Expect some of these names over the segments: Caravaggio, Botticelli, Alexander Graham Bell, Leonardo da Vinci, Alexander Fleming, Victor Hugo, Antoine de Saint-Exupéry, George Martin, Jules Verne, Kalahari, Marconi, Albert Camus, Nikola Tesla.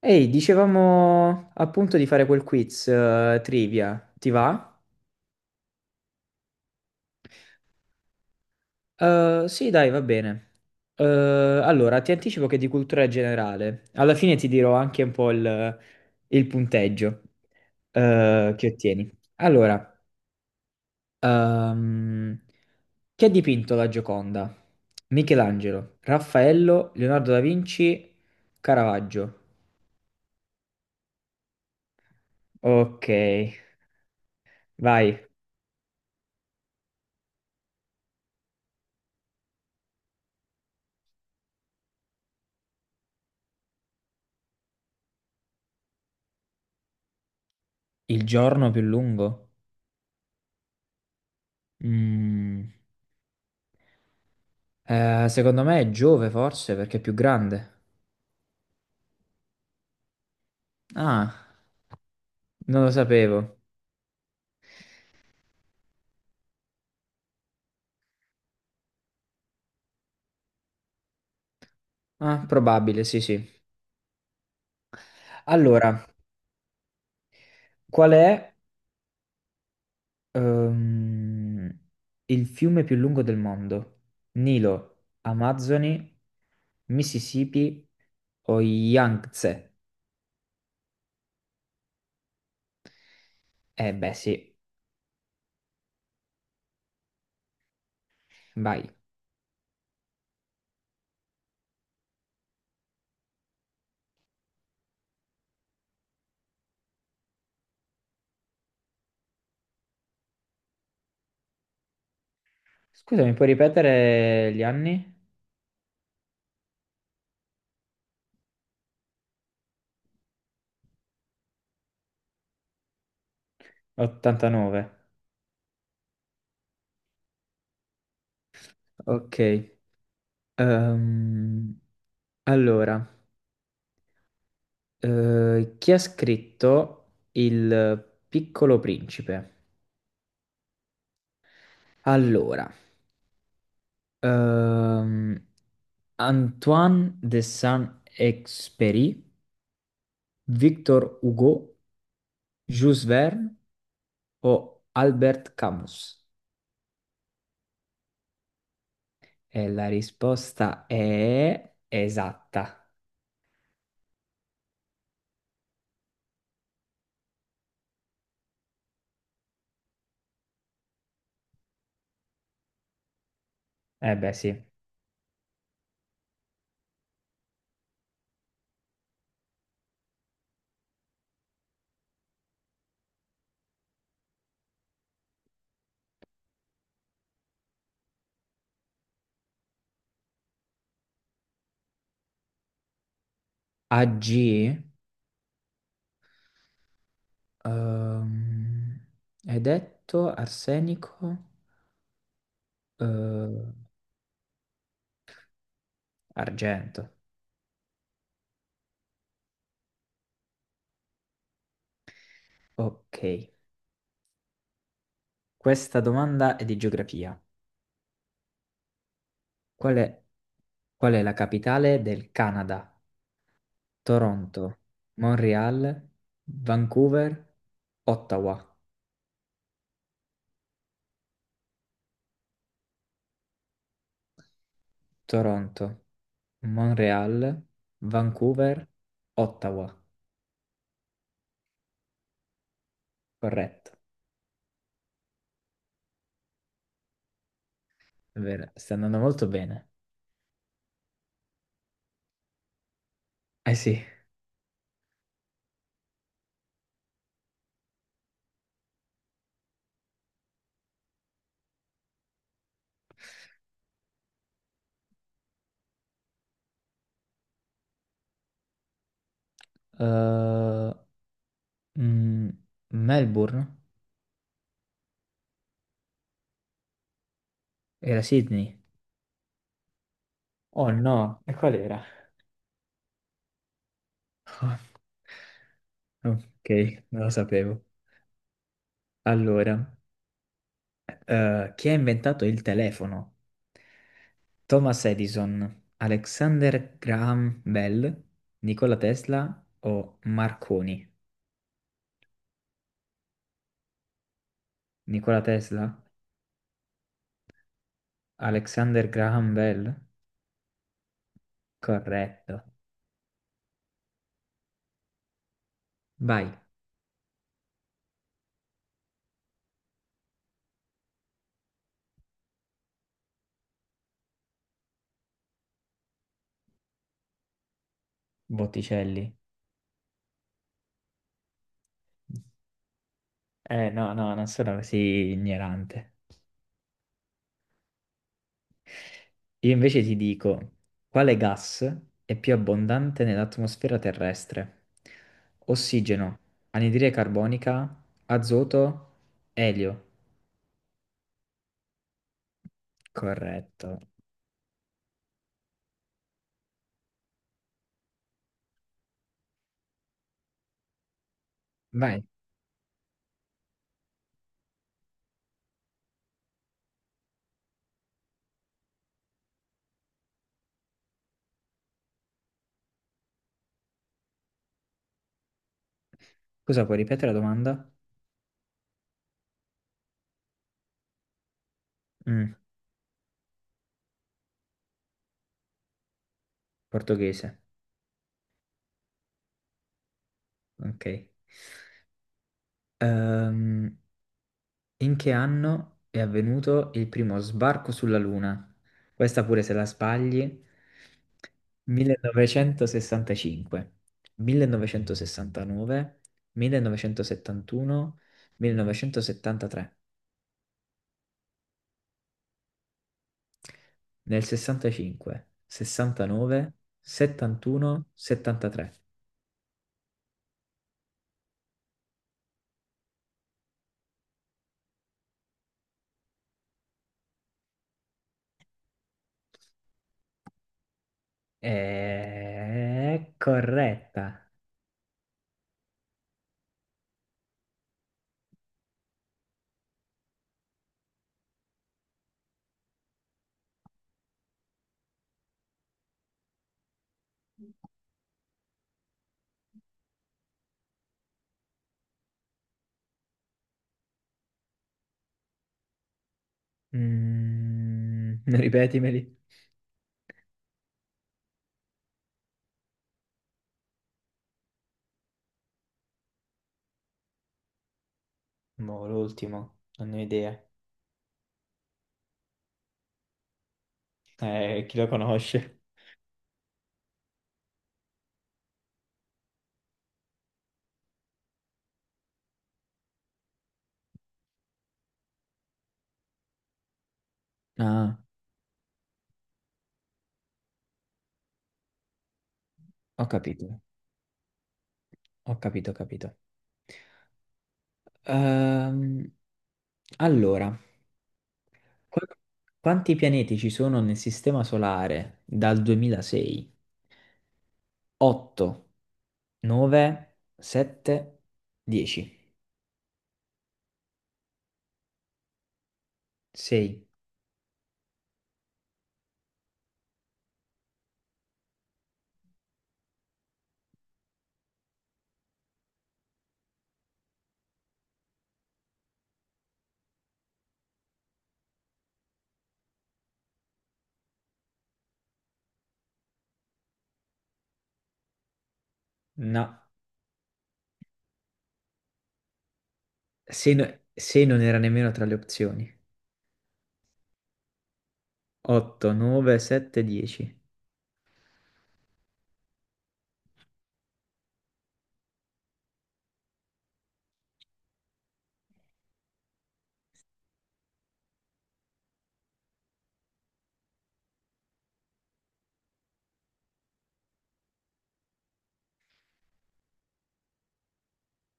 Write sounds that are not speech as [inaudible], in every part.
Ehi, dicevamo appunto di fare quel quiz trivia, ti va? Sì, dai, va bene. Eh, allora, ti anticipo che è di cultura generale. Alla fine ti dirò anche un po' il punteggio che ottieni. Allora, ehm, chi ha dipinto la Gioconda? Michelangelo, Raffaello, Leonardo da Vinci, Caravaggio. Ok, vai. Il giorno più lungo? Mm. Secondo me è Giove forse perché è più grande. Ah, non lo sapevo. Ah, probabile, sì, sì. Allora, qual è ehm, il fiume più lungo del mondo? Nilo, Amazzoni, Mississippi o Yangtze? Eh beh, sì, vai. Scusami, puoi ripetere gli anni? 89. Ok. Ehm, allora. Chi ha scritto Il Piccolo Principe? Allora, ehm, Antoine de Saint-Exupéry, Victor Hugo, Jules Verne o Albert Camus? E la risposta è esatta. Eh beh, sì. AG? Ehm, hai detto arsenico? Eh, argento. Ok. Questa domanda è di geografia. Qual è, qual è la capitale del Canada? Toronto, Montreal, Vancouver, Ottawa. Toronto, Montreal, Vancouver, Ottawa. Corretto. È vero, sta andando molto bene. Eh sì. Eh, mm, Melbourne? Era Sydney? Oh no, e qual era? [laughs] Ok, non lo sapevo. Allora. Chi ha inventato il telefono? Thomas Edison, Alexander Graham Bell, Nikola Tesla o Marconi? Nikola Tesla? Alexander Graham Bell? Corretto. Vai, Botticelli. Eh no, no, non sono così ignorante. Io invece ti dico, quale gas è più abbondante nell'atmosfera terrestre? Ossigeno, anidride carbonica, azoto, elio. Corretto. Vai, scusa, puoi ripetere la domanda? Mm, portoghese, ok. Ehm, In che anno è avvenuto il primo sbarco sulla Luna? Questa pure se la sbagli. 1965, 1969, 1971, 1973, nel 65, 69, 71, 73. È corretta. Mm, [laughs] ripetimeli. Boh, l'ultimo, non ne ho idea. Chi lo conosce? Ah, ho capito, ho capito, ho capito. Ehm, allora, qu- quanti pianeti ci sono nel Sistema Solare dal 2006? 8, 9, 7, 10. 6. No, 6, non era nemmeno tra le opzioni. 8, 9, 7, 10.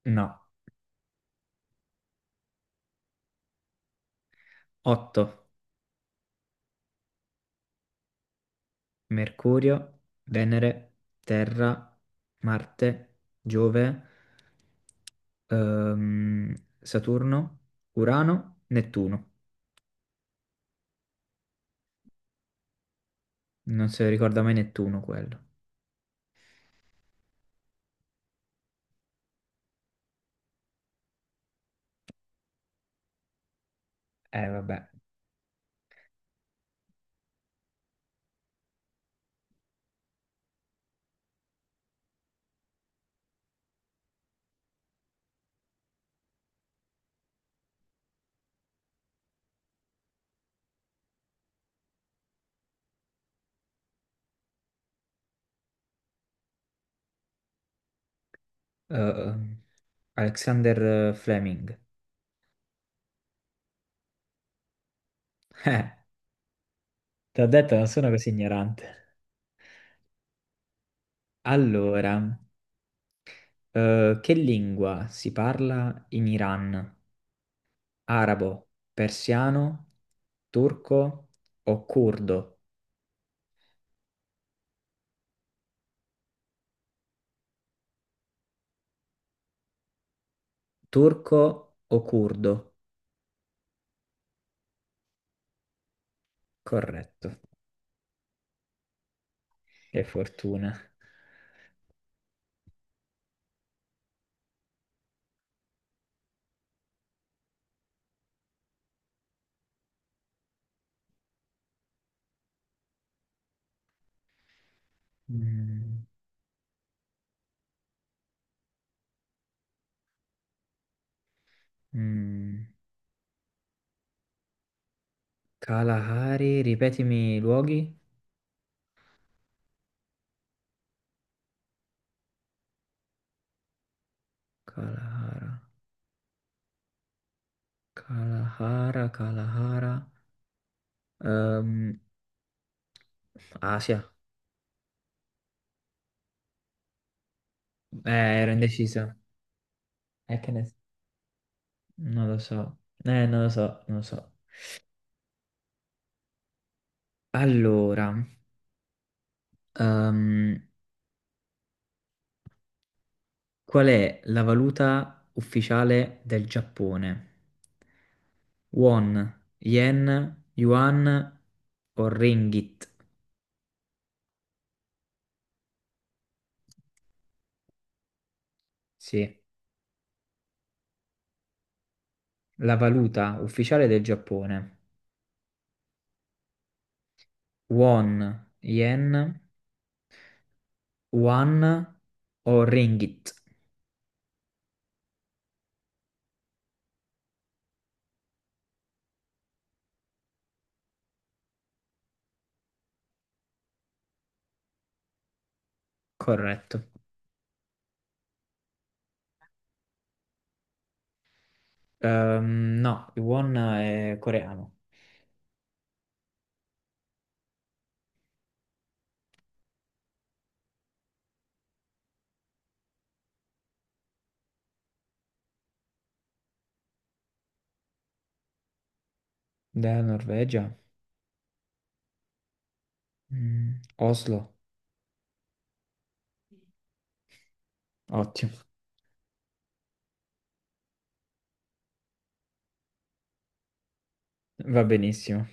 No, 8. Mercurio, Venere, Terra, Marte, Giove. ehm, Saturno, Urano, Nettuno. Non si ricorda mai Nettuno quello. Vabbè. Ehm, Alexander Fleming. [laughs] Eh, ti ho detto, non sono così ignorante. Allora, che lingua si parla in Iran? Arabo, persiano, turco o curdo? Turco o curdo? Corretto. Che fortuna. Mm, mm. Kalahari, ripetimi i luoghi. Kalahara, Kalahara, Kalahara. Ehm, Asia. Ero indecisa. Che ne... Non lo so. Non lo so, non lo so. Allora, ehm, qual è la valuta ufficiale del Giappone? Won, yen, yuan o ringgit? Sì, la valuta ufficiale del Giappone. Won, yen, yuan o ringgit. Corretto. No, il won è coreano. Da Norvegia. Mm, Oslo. Ottimo. Va benissimo.